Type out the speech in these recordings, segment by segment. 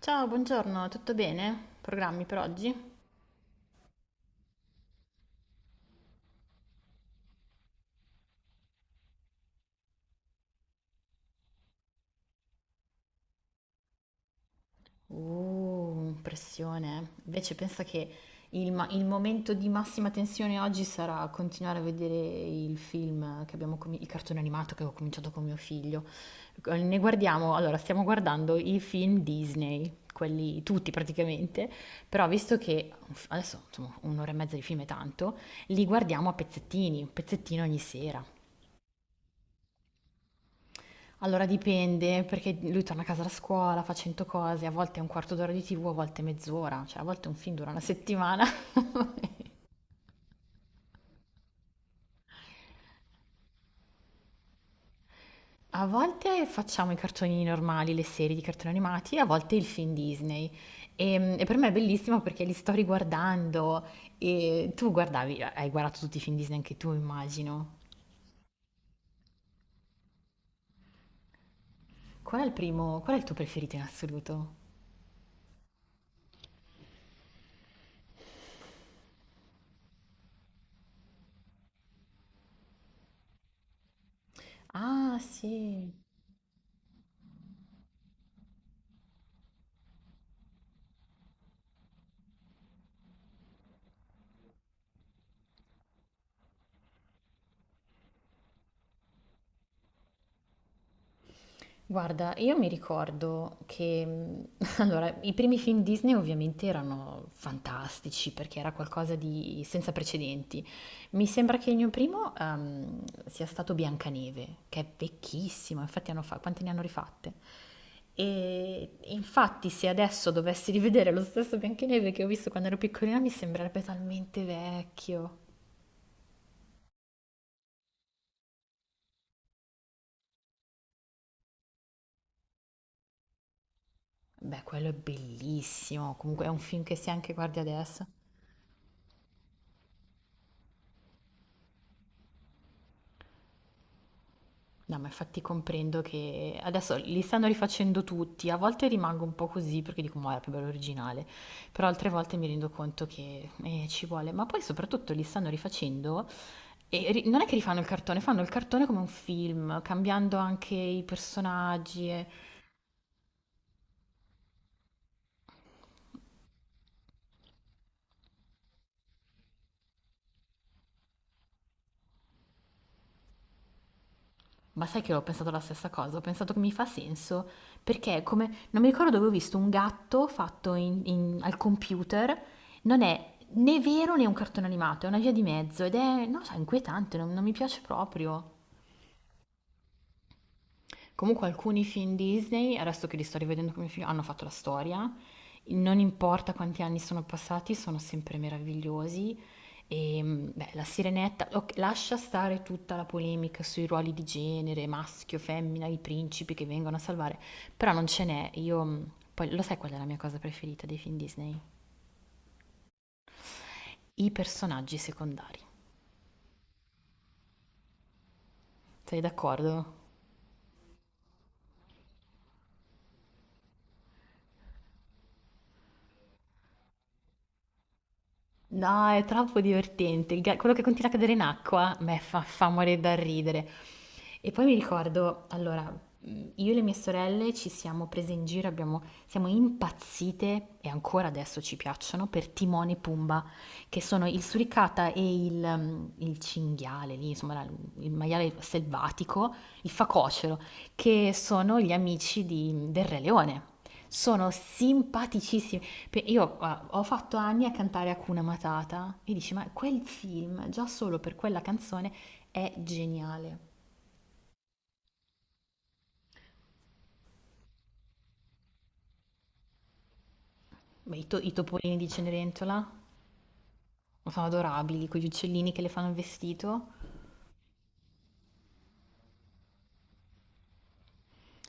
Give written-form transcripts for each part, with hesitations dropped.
Ciao, buongiorno, tutto bene? Programmi per oggi? Pressione. Invece pensa che il momento di massima tensione oggi sarà continuare a vedere il film che abbiamo il cartone animato che ho cominciato con mio figlio. Stiamo guardando i film Disney, quelli tutti praticamente, però visto che adesso insomma, un'ora e mezza di film è tanto, li guardiamo a pezzettini, un pezzettino ogni sera. Allora dipende, perché lui torna a casa da scuola, fa 100 cose, a volte è un quarto d'ora di TV, a volte mezz'ora, cioè a volte un film dura una settimana. A volte facciamo i cartoni normali, le serie di cartoni animati, a volte il film Disney. E per me è bellissimo perché li sto riguardando e tu guardavi, hai guardato tutti i film Disney anche tu, immagino. Qual è il primo, qual è il tuo preferito in assoluto? Ah, sì. Guarda, io mi ricordo che, allora, i primi film Disney ovviamente erano fantastici perché era qualcosa di senza precedenti. Mi sembra che il mio primo, sia stato Biancaneve, che è vecchissimo, infatti quante ne hanno rifatte? E infatti se adesso dovessi rivedere lo stesso Biancaneve che ho visto quando ero piccolina mi sembrerebbe talmente vecchio. Beh, quello è bellissimo, comunque è un film che se anche guardi adesso. No, ma infatti comprendo che adesso li stanno rifacendo tutti, a volte rimango un po' così perché dico, ma era più bello originale, però altre volte mi rendo conto che ci vuole, ma poi soprattutto li stanno rifacendo e non è che rifanno il cartone, fanno il cartone come un film, cambiando anche i personaggi, e- Ma sai che ho pensato la stessa cosa, ho pensato che mi fa senso, perché è come, non mi ricordo dove ho visto un gatto fatto al computer, non è né vero né un cartone animato, è una via di mezzo ed è, non lo so, inquietante, non mi piace proprio. Comunque alcuni film Disney, adesso che li sto rivedendo come film, hanno fatto la storia. Non importa quanti anni sono passati, sono sempre meravigliosi. E beh, la Sirenetta, ok, lascia stare tutta la polemica sui ruoli di genere, maschio, femmina, i principi che vengono a salvare, però non ce n'è. Io, poi lo sai qual è la mia cosa preferita dei film Disney? I personaggi secondari. Sei d'accordo? No, è troppo divertente. Quello che continua a cadere in acqua me fa morire dal ridere. E poi mi ricordo, allora, io e le mie sorelle ci siamo prese in giro, siamo impazzite, e ancora adesso ci piacciono, per Timone e Pumba, che sono il suricata e il cinghiale, lì, insomma, il maiale selvatico, il facocero, che sono gli amici del Re Leone. Sono simpaticissimi. Pe- Io guarda, ho fatto anni a cantare Hakuna Matata e dici, ma quel film, già solo per quella canzone, è geniale. Beh, i topolini di Cenerentola sono adorabili, quegli uccellini che le fanno il vestito.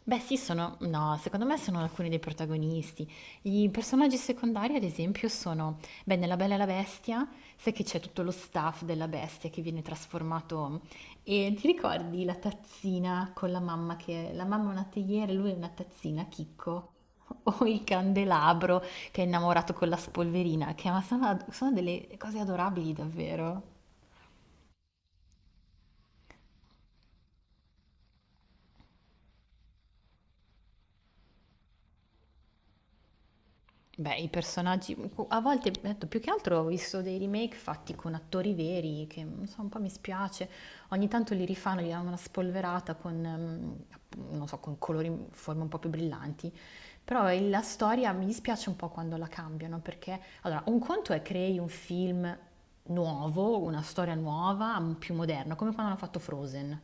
Beh sì, sono no, secondo me sono alcuni dei protagonisti. I personaggi secondari, ad esempio, sono, beh, nella Bella e la Bestia, sai che c'è tutto lo staff della bestia che viene trasformato e ti ricordi la tazzina con la mamma che la mamma è una teiera e lui è una tazzina, Chicco? O il candelabro che è innamorato con la spolverina, che ma sono delle cose adorabili davvero. Beh, i personaggi, a volte, ho detto, più che altro ho visto dei remake fatti con attori veri, che non so, un po' mi spiace, ogni tanto li rifanno, gli danno una spolverata con, non so, con colori, forme un po' più brillanti, però la storia mi dispiace un po' quando la cambiano, perché, allora, un conto è crei un film nuovo, una storia nuova, più moderna, come quando hanno fatto Frozen.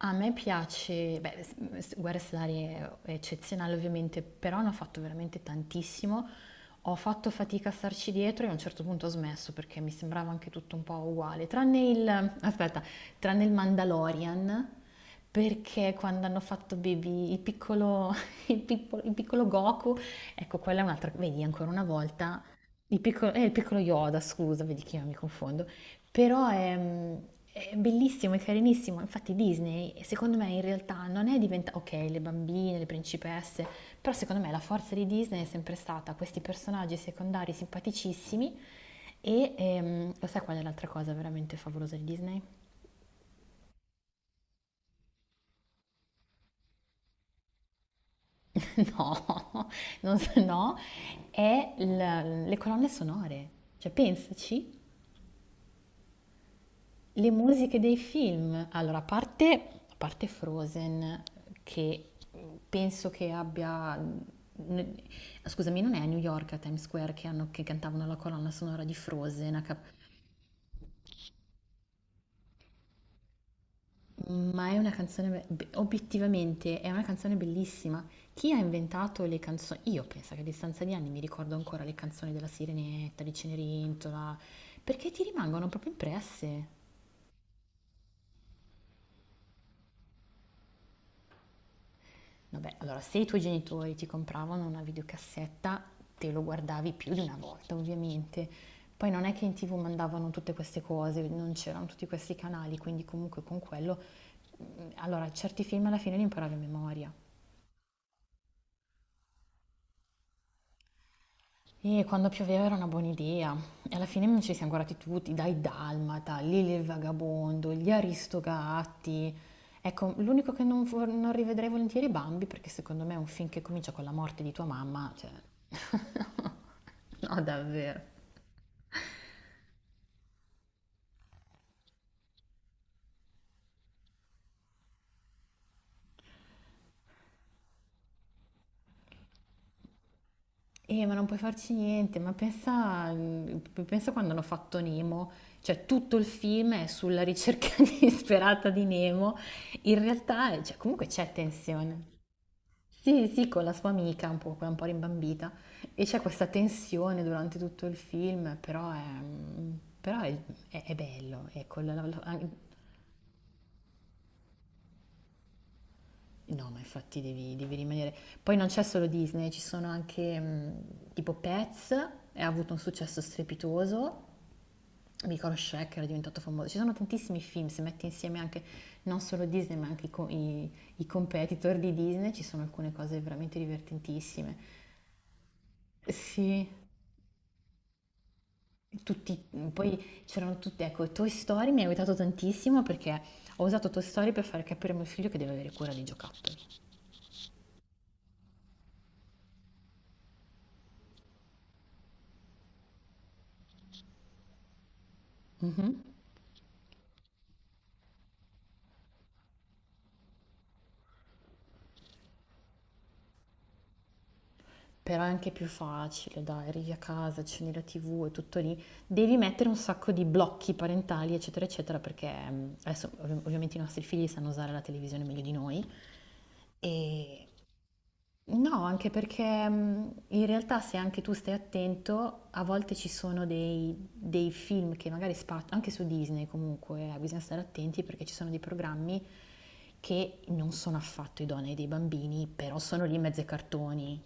A me piace, beh, Guerre Stellari è eccezionale ovviamente, però ne ho fatto veramente tantissimo. Ho fatto fatica a starci dietro e a un certo punto ho smesso perché mi sembrava anche tutto un po' uguale, tranne il, aspetta, tranne il Mandalorian, perché quando hanno fatto Baby, il piccolo, il piccolo Goku, ecco, quella è un'altra, vedi, ancora una volta, il piccolo Yoda, scusa, vedi che io mi confondo. Però è bellissimo, è carinissimo. Infatti Disney, secondo me, in realtà non è diventata... Ok, le bambine, le principesse, però secondo me la forza di Disney è sempre stata questi personaggi secondari simpaticissimi e lo sai qual è l'altra cosa veramente favolosa di Disney? No, non so, no, è le colonne sonore. Cioè, pensaci. Le musiche dei film, allora a parte Frozen che penso che scusami, non è a New York a Times Square che cantavano la colonna sonora di Frozen, a cap- ma è una canzone obiettivamente è una canzone bellissima. Chi ha inventato le canzoni? Io penso che a distanza di anni mi ricordo ancora le canzoni della Sirenetta, di Cenerentola, perché ti rimangono proprio impresse. Vabbè, allora se i tuoi genitori ti compravano una videocassetta, te lo guardavi più di una volta, ovviamente. Poi non è che in TV mandavano tutte queste cose, non c'erano tutti questi canali, quindi comunque con quello allora, certi film alla fine li imparavo a memoria. E quando pioveva era una buona idea. E alla fine ci siamo guardati tutti, dai Dalmata, Lili il Vagabondo, gli Aristogatti. Ecco, l'unico che non rivedrei volentieri è Bambi, perché secondo me è un film che comincia con la morte di tua mamma, cioè... No, davvero. Ma non puoi farci niente, ma pensa, pensa quando hanno fatto Nemo, cioè tutto il film è sulla ricerca disperata di Nemo, in realtà cioè, comunque c'è tensione. Sì, sì, con la sua amica, un po', quella un po' rimbambita, e c'è questa tensione durante tutto il film, però è, però è- è bello, ecco, No, ma infatti devi rimanere. Poi non c'è solo Disney, ci sono anche tipo Pets, e ha avuto un successo strepitoso. Mi ricordo Shrek era diventato famoso. Ci sono tantissimi film, se metti insieme anche non solo Disney, ma anche i competitor di Disney, ci sono alcune cose veramente divertentissime. Sì, tutti, poi c'erano tutti, ecco, Toy Story mi ha aiutato tantissimo perché ho usato Toy Story per far capire a mio figlio che deve avere cura dei giocattoli. Mhm. Però è anche più facile, dai, arrivi a casa, accendi la TV, è tutto lì. Devi mettere un sacco di blocchi parentali, eccetera, eccetera, perché adesso ovviamente i nostri figli sanno usare la televisione meglio di noi. E no, anche perché in realtà se anche tu stai attento, a volte ci sono dei film che magari spaziano, anche su Disney comunque, bisogna stare attenti perché ci sono dei programmi che non sono affatto idonei dei bambini, però sono lì in mezzo ai cartoni.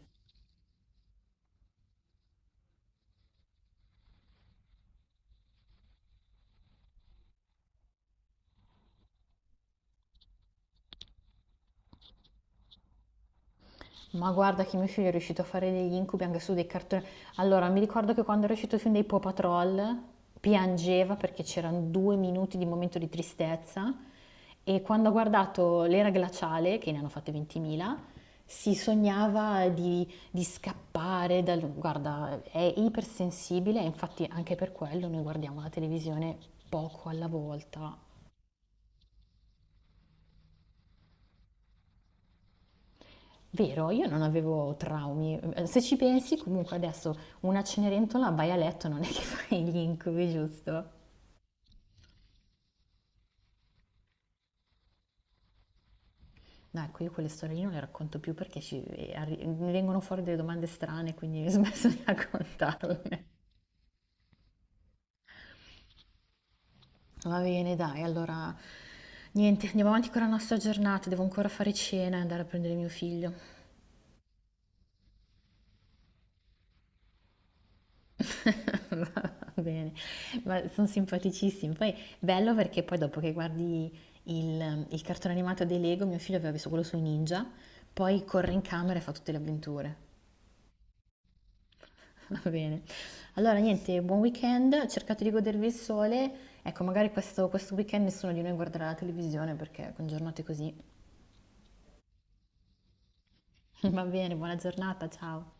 Ma guarda che mio figlio è riuscito a fare degli incubi anche su dei cartoni. Allora, mi ricordo che quando era uscito il film dei Paw Patrol piangeva perché c'erano due minuti di momento di tristezza e quando ha guardato l'era glaciale, che ne hanno fatte 20.000, si sognava di scappare dal... Guarda, è ipersensibile e infatti anche per quello noi guardiamo la televisione poco alla volta. Vero, io non avevo traumi. Se ci pensi, comunque adesso una Cenerentola vai a letto, non è che fai gli incubi, giusto? No, ecco, io quelle storie lì non le racconto più perché mi vengono fuori delle domande strane, quindi ho smesso di raccontarle. Va bene, dai, allora niente, andiamo avanti con la nostra giornata. Devo ancora fare cena e andare a prendere mio figlio. Va bene, ma sono simpaticissimi. Poi bello perché poi dopo che guardi il cartone animato dei Lego, mio figlio aveva visto quello sui ninja, poi corre in camera e fa tutte le avventure. Va bene. Allora, niente, buon weekend, cercate di godervi il sole. Ecco, magari questo weekend nessuno di noi guarderà la televisione perché con giornate così. Va bene, buona giornata, ciao.